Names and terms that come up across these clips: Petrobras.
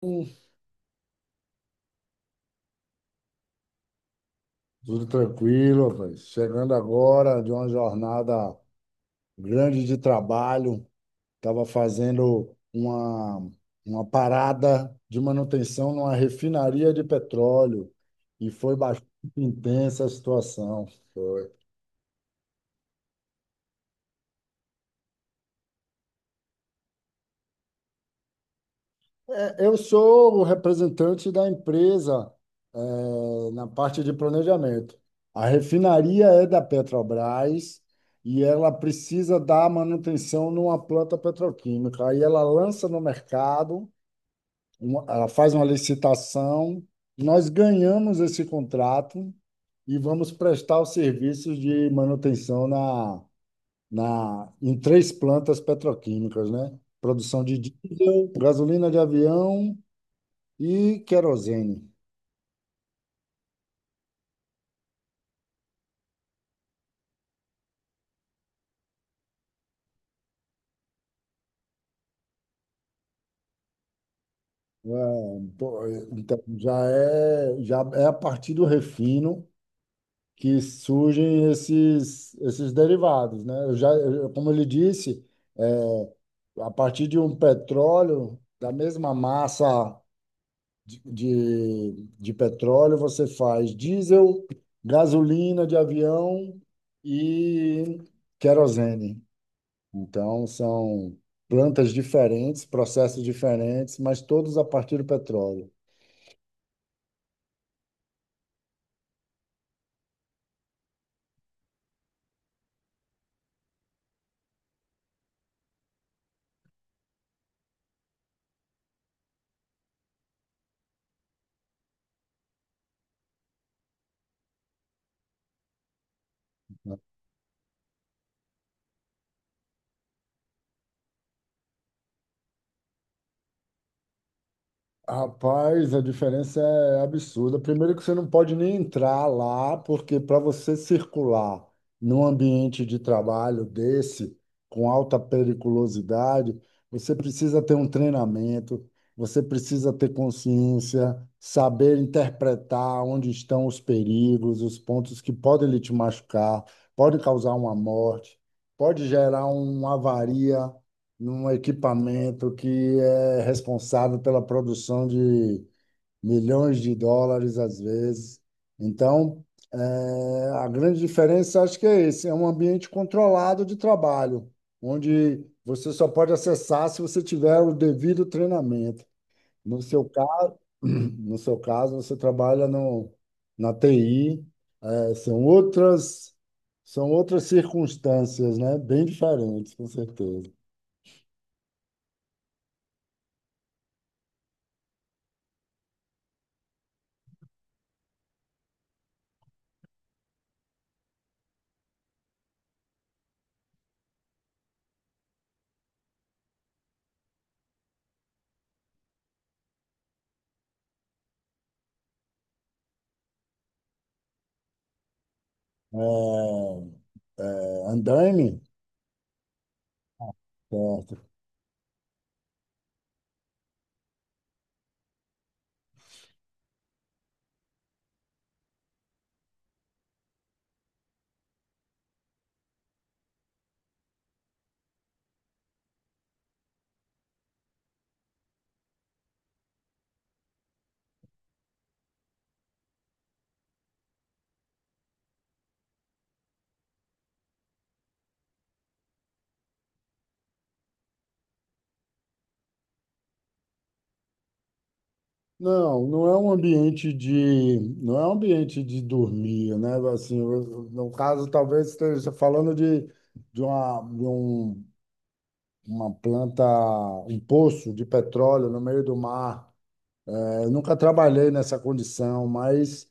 Hum, Tudo tranquilo, rapaz. Chegando agora de uma jornada grande de trabalho, estava fazendo uma parada de manutenção numa refinaria de petróleo e foi bastante intensa a situação. Eu sou o representante da empresa, na parte de planejamento. A refinaria é da Petrobras e ela precisa dar manutenção numa planta petroquímica. Aí ela lança no mercado, ela faz uma licitação, nós ganhamos esse contrato e vamos prestar os serviços de manutenção em três plantas petroquímicas, né? Produção de diesel, gasolina de avião e querosene. É, pô, Então, já é a partir do refino que surgem esses derivados, né? Como ele disse, a partir de um petróleo, da mesma massa de petróleo, você faz diesel, gasolina de avião e querosene. Então, são plantas diferentes, processos diferentes, mas todos a partir do petróleo. Rapaz, a diferença é absurda. Primeiro que você não pode nem entrar lá, porque para você circular num ambiente de trabalho desse, com alta periculosidade, você precisa ter um treinamento, você precisa ter consciência, saber interpretar onde estão os perigos, os pontos que podem lhe te machucar, pode causar uma morte, pode gerar uma avaria num equipamento que é responsável pela produção de milhões de dólares às vezes. Então, a grande diferença acho que é esse, é um ambiente controlado de trabalho, onde você só pode acessar se você tiver o devido treinamento. No seu caso, no seu caso, você trabalha no, na TI, eh, são outras circunstâncias, né? Bem diferentes, com certeza. Andaime, certo? Não, não é um ambiente de, não é um ambiente de dormir, né? Assim, no caso, talvez esteja falando de uma planta, um poço de petróleo no meio do mar. Eu nunca trabalhei nessa condição, mas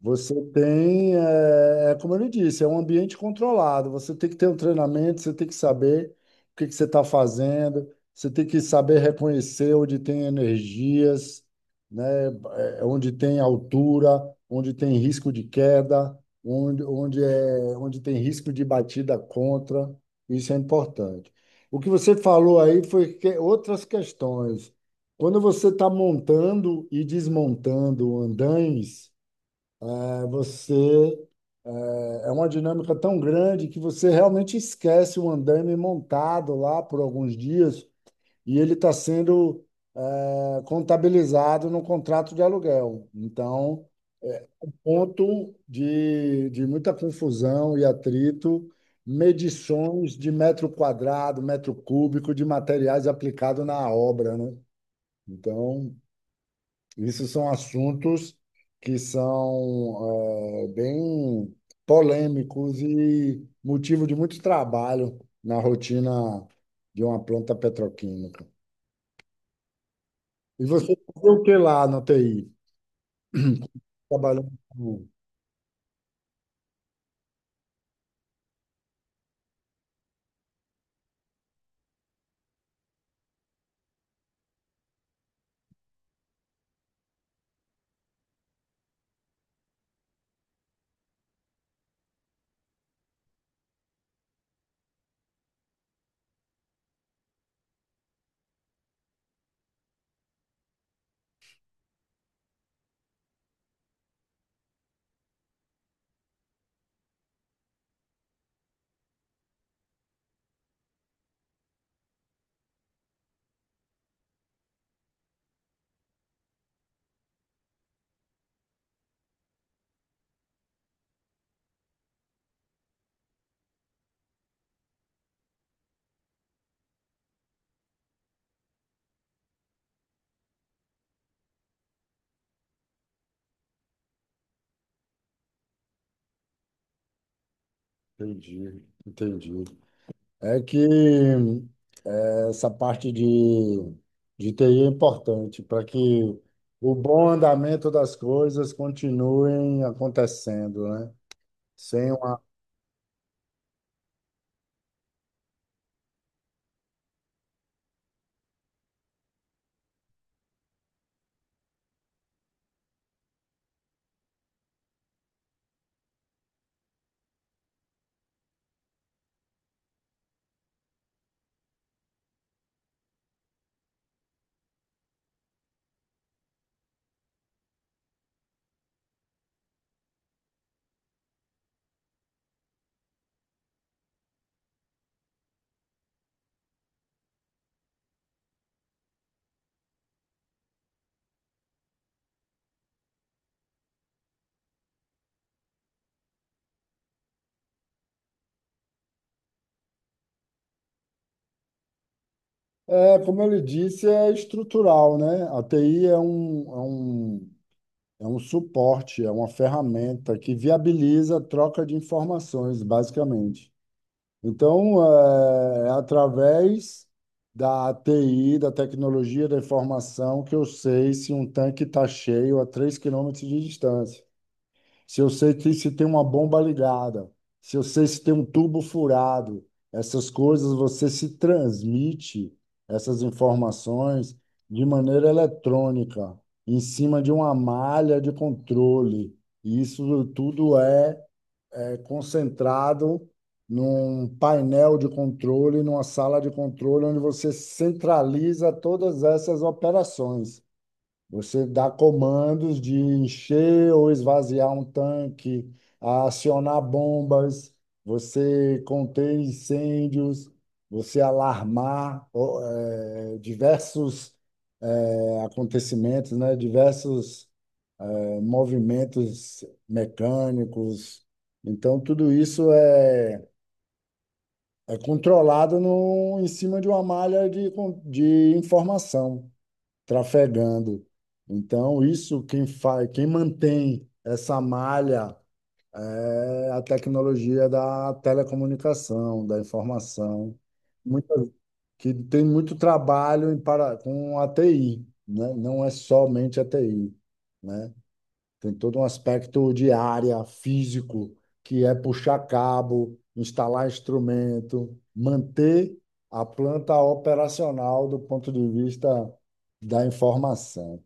você tem, é como eu lhe disse, é um ambiente controlado. Você tem que ter um treinamento, você tem que saber o que que você está fazendo, você tem que saber reconhecer onde tem energias, né, onde tem altura, onde tem risco de queda, onde tem risco de batida contra. Isso é importante. O que você falou aí foi outras questões. Quando você está montando e desmontando andames, é Você é uma dinâmica tão grande que você realmente esquece o andaime montado lá por alguns dias e ele está sendo contabilizado no contrato de aluguel. Então, ponto de muita confusão e atrito, medições de metro quadrado, metro cúbico de materiais aplicado na obra, né? Então, isso são assuntos que são bem polêmicos e motivo de muito trabalho na rotina de uma planta petroquímica. E você fazia o que lá na TI? Trabalhando com... Entendi, entendi. É que essa parte de TI é importante para que o bom andamento das coisas continuem acontecendo, né? Sem uma é, como eu lhe disse, é estrutural, né? A TI é um suporte, é uma ferramenta que viabiliza a troca de informações, basicamente. Então, é através da TI, da tecnologia da informação, que eu sei se um tanque está cheio a 3 quilômetros de distância, se eu sei que se tem uma bomba ligada, se eu sei se tem um tubo furado, essas coisas você se transmite essas informações de maneira eletrônica, em cima de uma malha de controle. E isso tudo é concentrado num painel de controle, numa sala de controle, onde você centraliza todas essas operações. Você dá comandos de encher ou esvaziar um tanque, a acionar bombas, você conter incêndios, você alarmar ó, acontecimentos, né? Diversos movimentos mecânicos. Então, tudo isso é controlado no, em cima de uma malha de de informação trafegando. Então, isso quem faz, quem mantém essa malha é a tecnologia da telecomunicação, da informação, muita, que tem muito trabalho em para, com a TI, né? Não é somente a TI, né? Tem todo um aspecto de área, físico, que é puxar cabo, instalar instrumento, manter a planta operacional do ponto de vista da informação.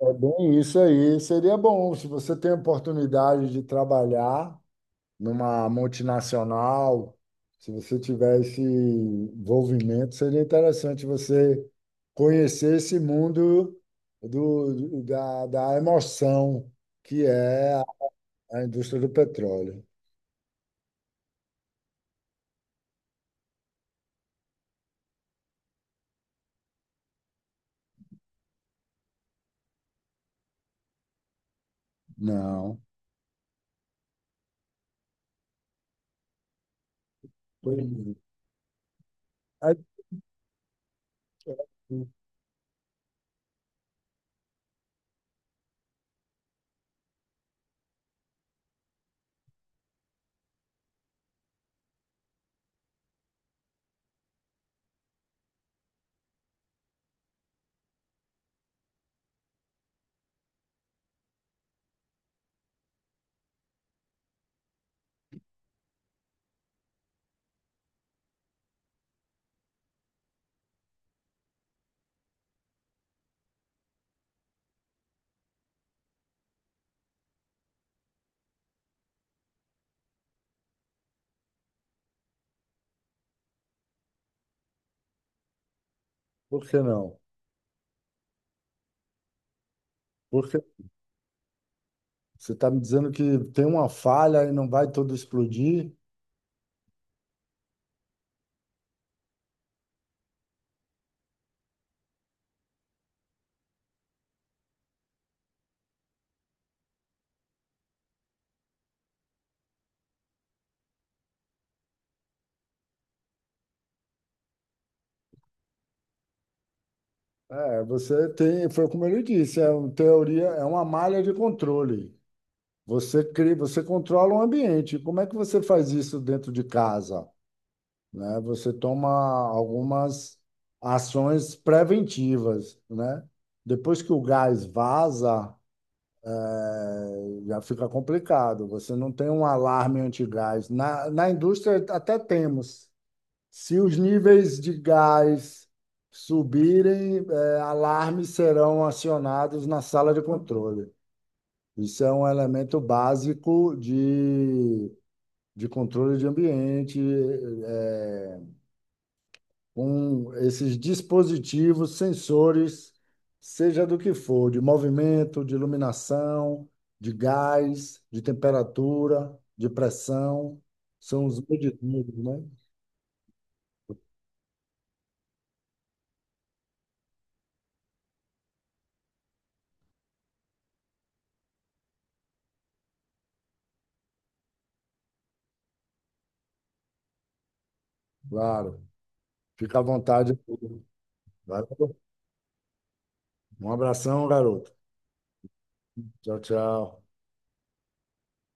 É bem isso aí. Seria bom se você tem a oportunidade de trabalhar numa multinacional, se você tiver esse envolvimento, seria interessante você conhecer esse mundo da emoção que é a indústria do petróleo. Não. Pois é. Aí, por que não? Porque você está me dizendo que tem uma falha e não vai tudo explodir? É, você tem, foi como ele disse, é uma teoria, é uma malha de controle. Você cria, você controla o ambiente. Como é que você faz isso dentro de casa, né? Você toma algumas ações preventivas, né? Depois que o gás vaza, já fica complicado. Você não tem um alarme antigás. Na indústria até temos. Se os níveis de gás subirem, alarmes serão acionados na sala de controle. Isso é um elemento básico de controle de ambiente, eh, com esses dispositivos, sensores, seja do que for, de movimento, de iluminação, de gás, de temperatura, de pressão, são os medidores, né? Claro, fica à vontade. Vai, um abração, garoto. Tchau, tchau.